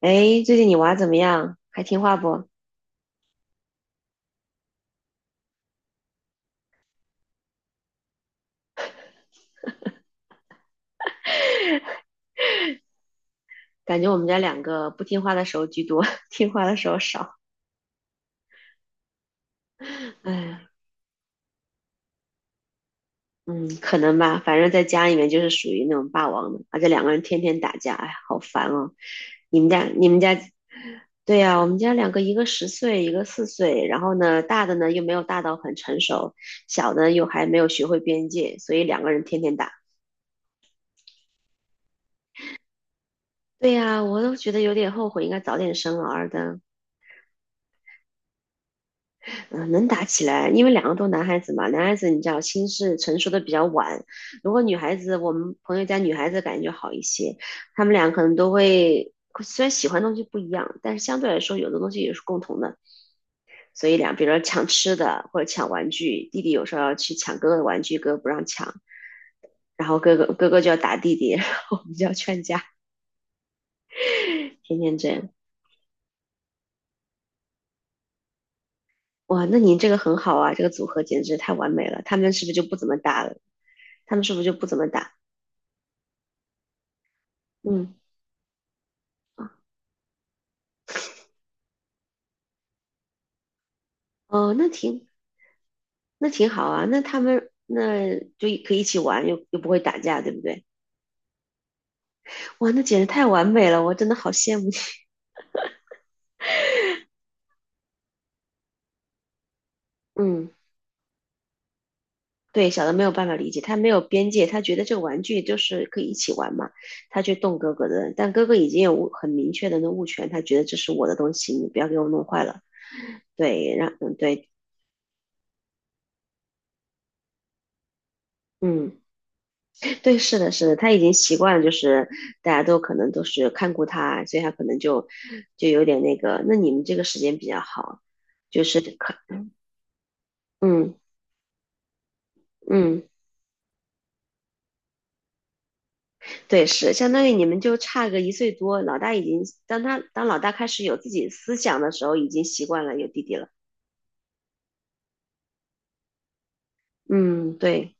哎，最近你娃怎么样？还听话不？感觉我们家两个不听话的时候居多，听话的时候少。哎，呀，嗯，可能吧。反正在家里面就是属于那种霸王的，而且两个人天天打架，哎呀，好烦哦。你们家,对呀，我们家两个，一个十岁，一个4岁。然后呢，大的呢又没有大到很成熟，小的又还没有学会边界，所以两个人天天打。对呀，我都觉得有点后悔，应该早点生儿的。嗯，能打起来，因为两个都男孩子嘛，男孩子你知道心智成熟的比较晚。如果女孩子，我们朋友家女孩子感觉就好一些，他们俩可能都会，虽然喜欢的东西不一样，但是相对来说有的东西也是共同的。所以俩，比如说抢吃的或者抢玩具，弟弟有时候要去抢哥哥的玩具，哥哥不让抢，然后哥哥就要打弟弟，然后我们就要劝架，天天这样。哇，那您这个很好啊，这个组合简直太完美了。他们是不是就不怎么打了？他们是不是就不怎么打？嗯，哦，那挺好啊，那他们那就可以一起玩，又不会打架，对不对？哇，那简直太完美了，我真的好羡慕你。 嗯，对，小的没有办法理解，他没有边界，他觉得这个玩具就是可以一起玩嘛，他去动哥哥的，但哥哥已经很明确的那物权，他觉得这是我的东西，你不要给我弄坏了。对，让嗯对。嗯，对，是的，是的，他已经习惯了，就是大家可能都是看顾他，所以他可能就就有点那个。那你们这个时间比较好，就是可嗯嗯，对，是相当于你们就差个1岁多，老大已经当老大开始有自己思想的时候，已经习惯了有弟弟了。嗯，对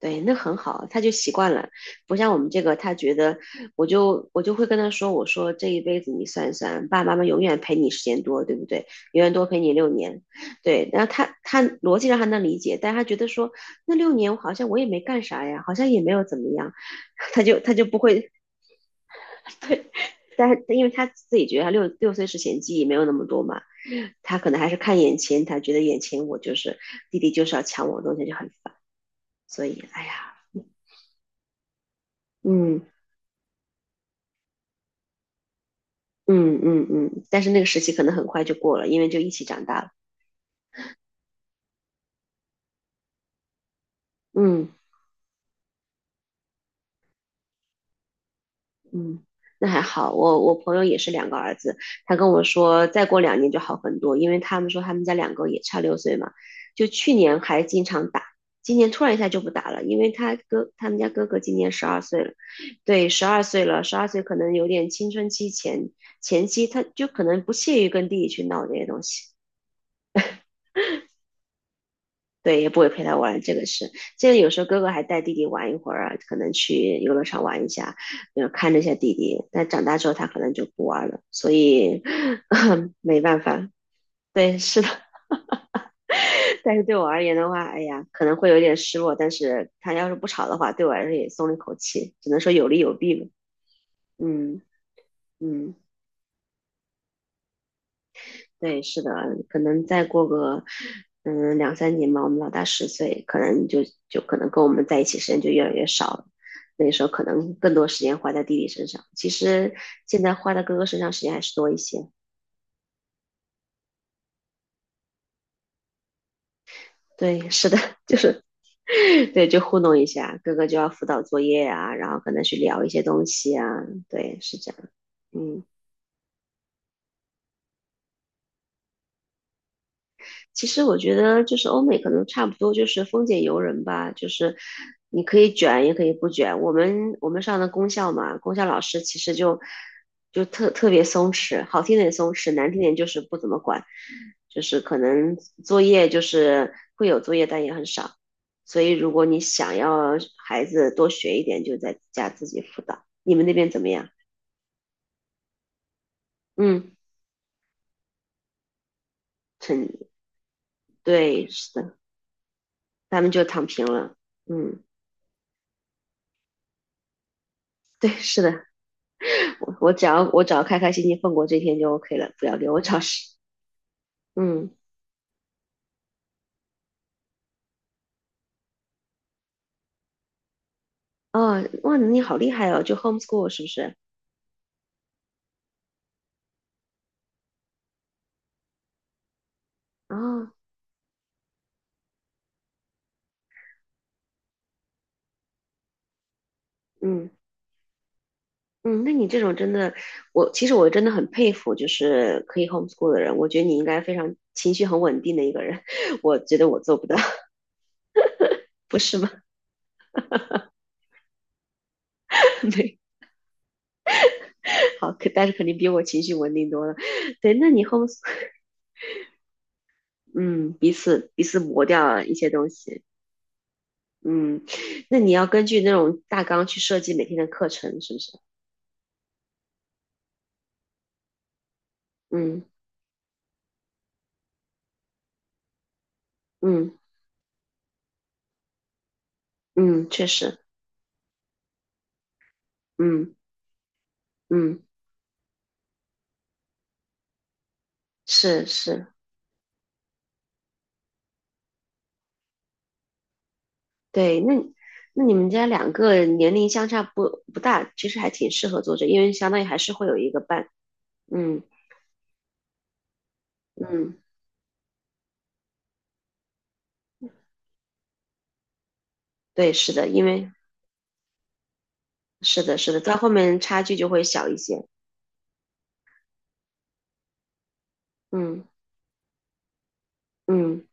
对，那很好，他就习惯了，不像我们这个，他觉得我就会跟他说，我说这一辈子你算一算，爸爸妈妈永远陪你时间多，对不对？永远多陪你六年，对。然后他逻辑上还能理解，但他觉得说那六年我好像我也没干啥呀，好像也没有怎么样，他就不会但是因为他自己觉得他六岁之前记忆没有那么多嘛，他可能还是看眼前，他觉得眼前我就是弟弟就是要抢我的东西就很烦，所以哎呀，嗯嗯，但是那个时期可能很快就过了，因为就一起长大了，嗯嗯，那还好，我朋友也是两个儿子，他跟我说再过2年就好很多，因为他们说他们家两个也差六岁嘛，就去年还经常打，今年突然一下就不打了，因为他们家哥哥今年十二岁了，对，十二岁了，十二岁可能有点青春期前期，他就可能不屑于跟弟弟去闹这些东西。对，也不会陪他玩，这个是。这个有时候哥哥还带弟弟玩一会儿啊，可能去游乐场玩一下，看着一下弟弟。但长大之后他可能就不玩了，所以。 没办法。对，是的。但是对我而言的话，哎呀，可能会有点失落。但是他要是不吵的话，对我来说也松了一口气，只能说有利有弊吧。嗯嗯。对，是的，可能再过个嗯2、3年吧，我们老大十岁，可能就就可能跟我们在一起时间就越来越少了。那时候可能更多时间花在弟弟身上，其实现在花在哥哥身上时间还是多一些。对，是的，就是 对，就糊弄一下，哥哥就要辅导作业啊，然后可能去聊一些东西啊，对，是这样，嗯。其实我觉得就是欧美可能差不多就是丰俭由人吧，就是你可以卷也可以不卷。我们上的公校嘛，公校老师其实就就特别松弛，好听点松弛，难听点就是不怎么管，就是可能作业就是会有作业，但也很少。所以如果你想要孩子多学一点，就在家自己辅导。你们那边怎么样？嗯，很对，是的，他们就躺平了。嗯，对，是的。我只要开开心心放过这天就 OK 了，不要给我找事。嗯，哦，哇，你好厉害哦，就 homeschool 是不是？啊，嗯嗯，那你这种真的，我其实我真的很佩服，就是可以 homeschool 的人，我觉得你应该非常情绪很稳定的一个人，我觉得我做不到，不是吗？对，好，可但是肯定比我情绪稳定多了。对，那你 homeschool，嗯，彼此磨掉一些东西，嗯，那你要根据那种大纲去设计每天的课程，是不是？嗯。嗯嗯，确实，嗯嗯，是是，对，那你们家两个年龄相差不大，其实还挺适合做这，因为相当于还是会有一个伴，嗯嗯，对，是的，因为是的是的，到后面差距就会小一些，嗯嗯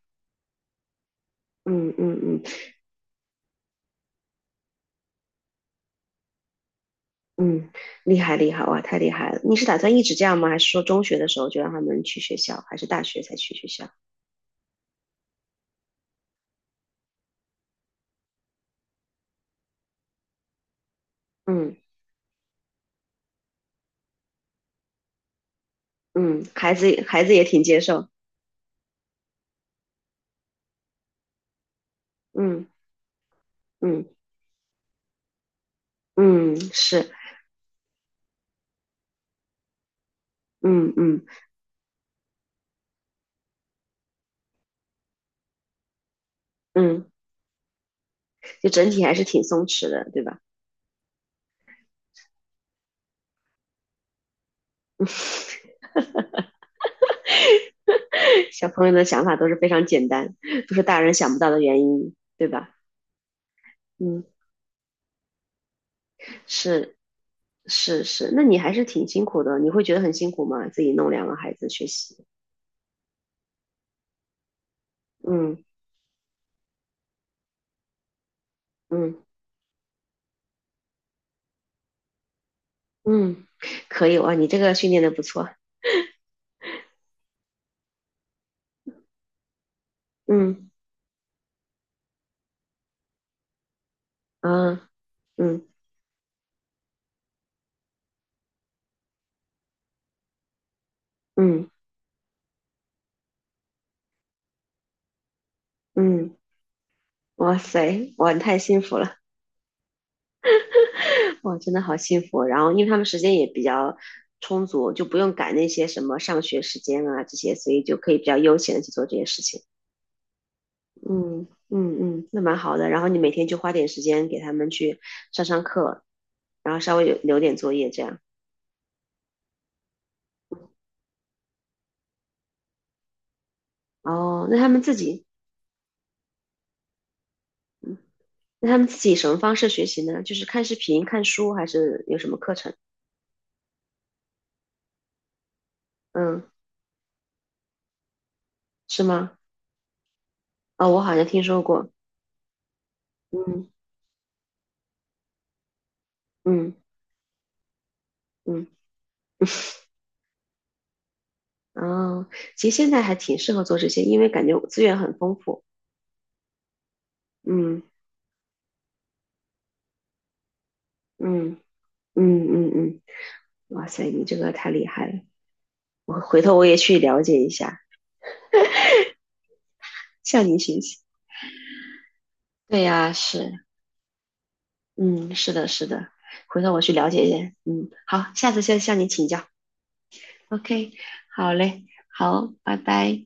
嗯嗯嗯嗯，厉害厉害，哇，太厉害了！你是打算一直这样吗？还是说中学的时候就让他们去学校，还是大学才去学校？嗯嗯，孩子也挺接受，嗯嗯嗯，是。嗯嗯嗯，就整体还是挺松弛的，对吧？小朋友的想法都是非常简单，都是大人想不到的原因，对吧？嗯，是是是，那你还是挺辛苦的，你会觉得很辛苦吗？自己弄两个孩子学习，嗯嗯嗯，可以哇，你这个训练的不错，嗯啊嗯嗯嗯，哇塞，哇，你太幸福了。哇，真的好幸福哦。然后，因为他们时间也比较充足，就不用赶那些什么上学时间啊这些，所以就可以比较悠闲的去做这些事情。嗯嗯嗯，那蛮好的。然后你每天就花点时间给他们去上课，然后稍微有留点作业这样。哦，那他们自己，嗯，那他们自己什么方式学习呢？就是看视频、看书，还是有什么课程？嗯，是吗？哦，我好像听说过。嗯嗯嗯。嗯，其实现在还挺适合做这些，因为感觉资源很丰富。嗯嗯嗯嗯嗯，哇塞，你这个太厉害了！我回头我也去了解一下，向您学习。对呀，是，嗯，是的，是的，回头我去了解一下。嗯，好，下次再向你请教。OK，好嘞，好，拜拜。